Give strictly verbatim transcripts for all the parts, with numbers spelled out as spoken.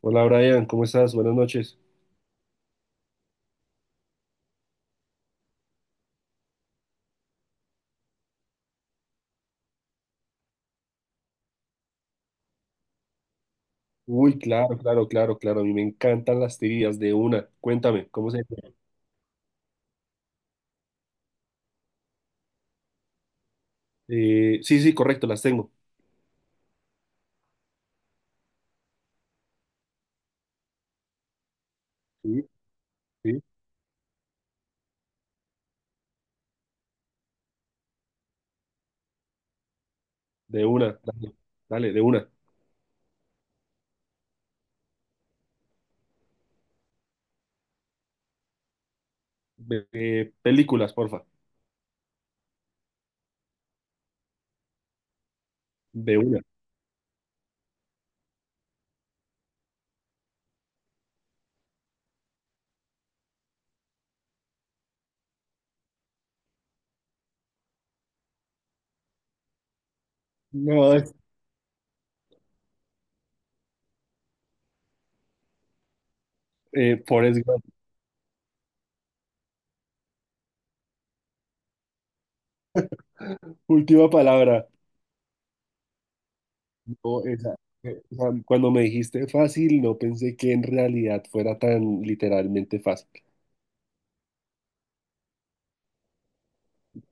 Hola Brian, ¿cómo estás? Buenas noches. Uy, claro, claro, claro, claro. A mí me encantan las tirillas de una. Cuéntame, ¿cómo se llama? Eh, sí, sí, correcto, las tengo. Sí, sí, de una. Dale, dale, de una. Ve- eh, películas, porfa. De una. No, es eh, Forrest Gump. Última palabra. No, esa, eh, o sea, cuando me dijiste fácil, no pensé que en realidad fuera tan literalmente fácil.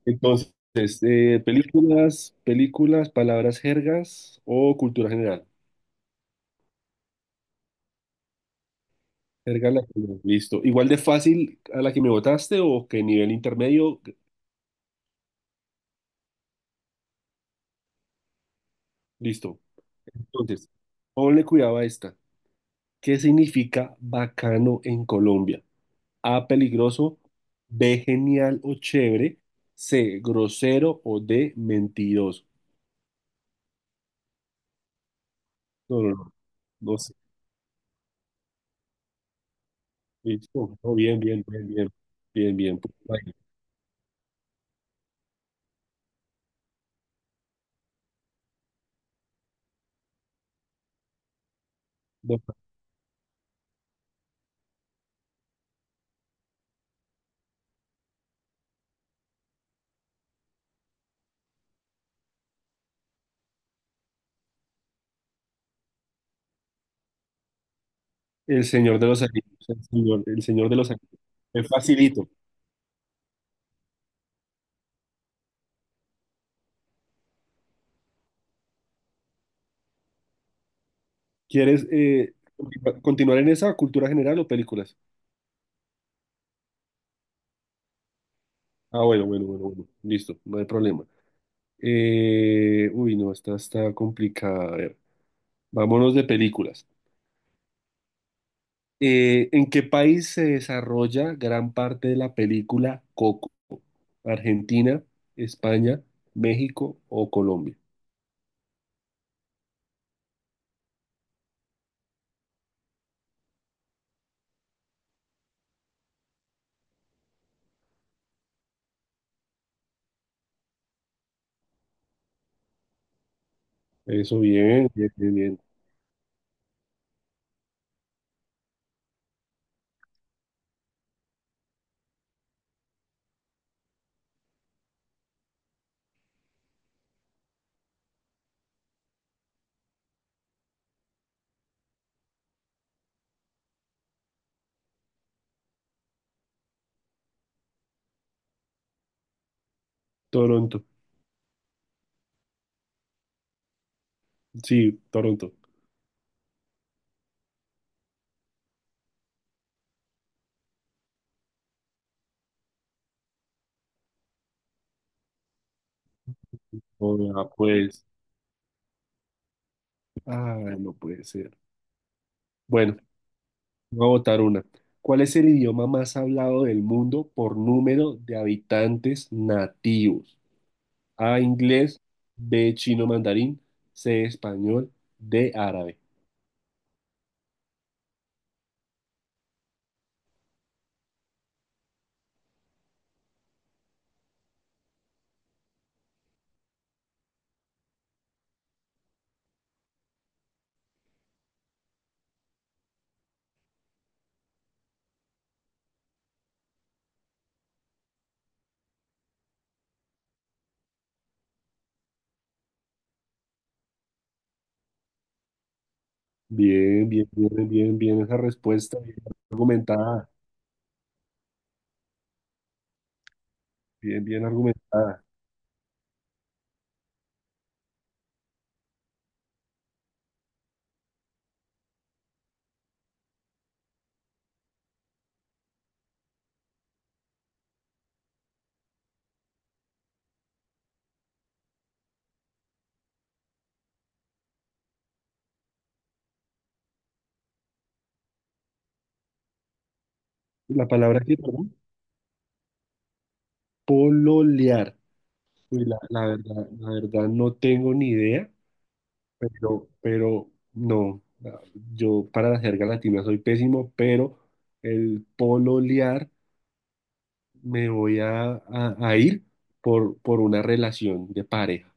Entonces, eh, películas, películas, palabras jergas o cultura general. Erga la que no, listo. Igual de fácil a la que me votaste o que nivel intermedio. Listo. Entonces, ponle cuidado a esta. ¿Qué significa bacano en Colombia? A, peligroso, B, genial o chévere, C, grosero o D, mentiroso. No, no, no. No sé. Listo. No, bien, bien, bien, bien. Bien, bien. Bueno, El Señor de los Anillos. El señor, el señor de los Anillos. Es facilito. ¿Quieres eh, continuar en esa cultura general o películas? Ah, bueno, bueno, bueno, bueno. Listo, no hay problema. Eh, uy, no, esta está complicada. A ver, vámonos de películas. Eh, ¿en qué país se desarrolla gran parte de la película Coco? ¿Argentina, España, México o Colombia? Eso bien, bien, bien, bien. Toronto. Sí, Toronto. Hola, pues. Ah, no puede ser. Bueno, voy a votar una. ¿Cuál es el idioma más hablado del mundo por número de habitantes nativos? A, inglés, B, chino mandarín, C, español, D, árabe. Bien, bien, bien, bien, bien esa respuesta, bien argumentada, bien, bien argumentada. La palabra que, perdón, pololear. Uy, la, la verdad, la verdad no tengo ni idea, pero, pero no, yo para la jerga latina soy pésimo, pero el pololear me voy a, a- a ir por, por una relación de pareja.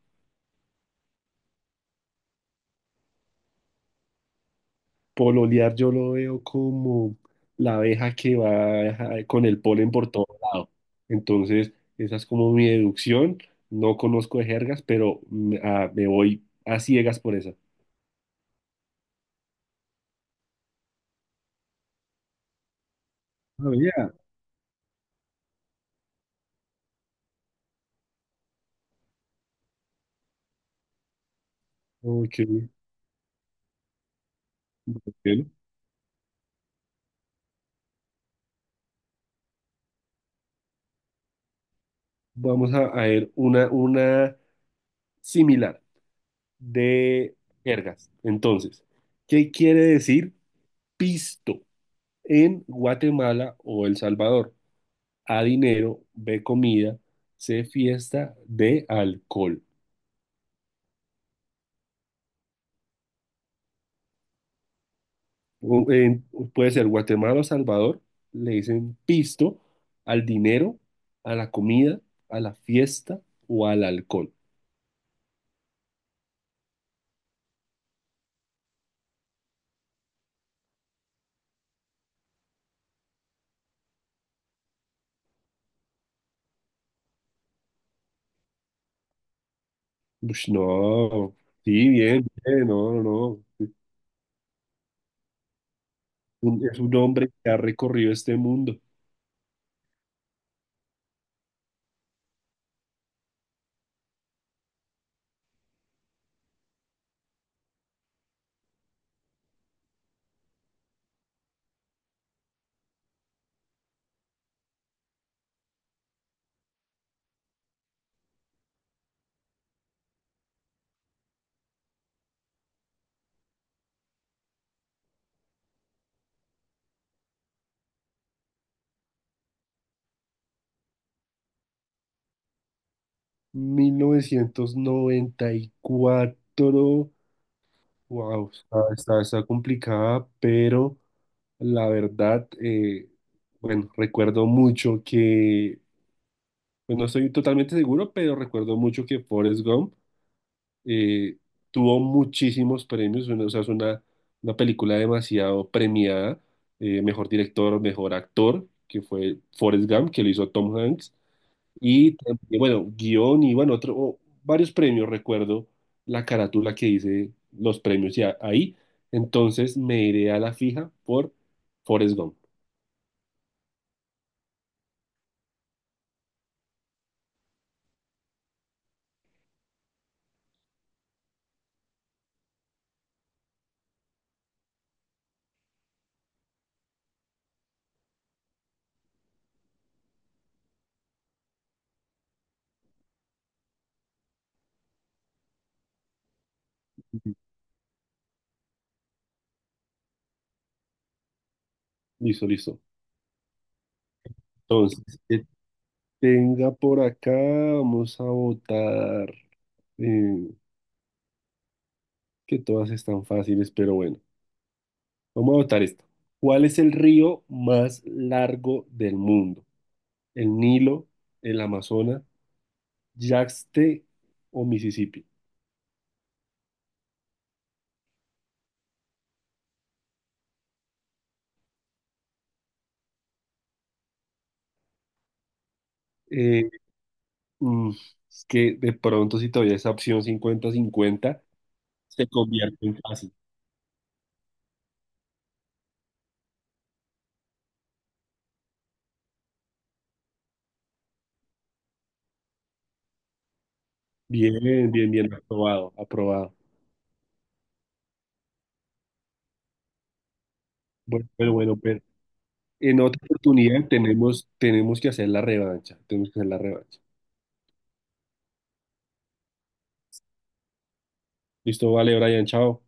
Pololear yo lo veo como la abeja que va eh, con el polen por todo lado. Entonces, esa es como mi deducción. No conozco de jergas, pero me, ah, me voy a ciegas por esa. Ah, ya. Ok, ok. Vamos a, a ver una, una similar de jergas. Entonces, ¿qué quiere decir pisto en Guatemala o El Salvador? A, dinero, B, comida, C, fiesta, D, alcohol. U- en- puede ser Guatemala o Salvador, le dicen pisto al dinero, a la comida, a la fiesta o al alcohol. Ush, no, sí, bien, bien, no, no, no. Un- es un hombre que ha recorrido este mundo. Mil novecientos noventa y cuatro. Wow, está, está, está complicada, pero la verdad, eh, bueno, recuerdo mucho que, pues no estoy totalmente seguro, pero recuerdo mucho que Forrest Gump eh, tuvo muchísimos premios, bueno, o sea, es una, una película demasiado premiada, eh, mejor director, mejor actor, que fue Forrest Gump, que lo hizo Tom Hanks. Y, y bueno, guión y bueno, otro, o varios premios, recuerdo la carátula que dice los premios y a- ahí. Entonces me iré a la fija por Forrest Gump. Listo, listo. Entonces, que tenga por acá, vamos a votar. eh, que todas están fáciles, pero bueno, vamos a votar esta. ¿Cuál es el río más largo del mundo? ¿El Nilo, el Amazonas, Yangtze o Mississippi? Eh, Mm, es que de pronto si todavía esa opción cincuenta cincuenta se convierte en fácil. Bien, bien, bien, aprobado, aprobado. Bueno, pero bueno, pero en otra oportunidad tenemos, tenemos que hacer la revancha, tenemos que hacer la revancha. Listo, vale, Brian, chao.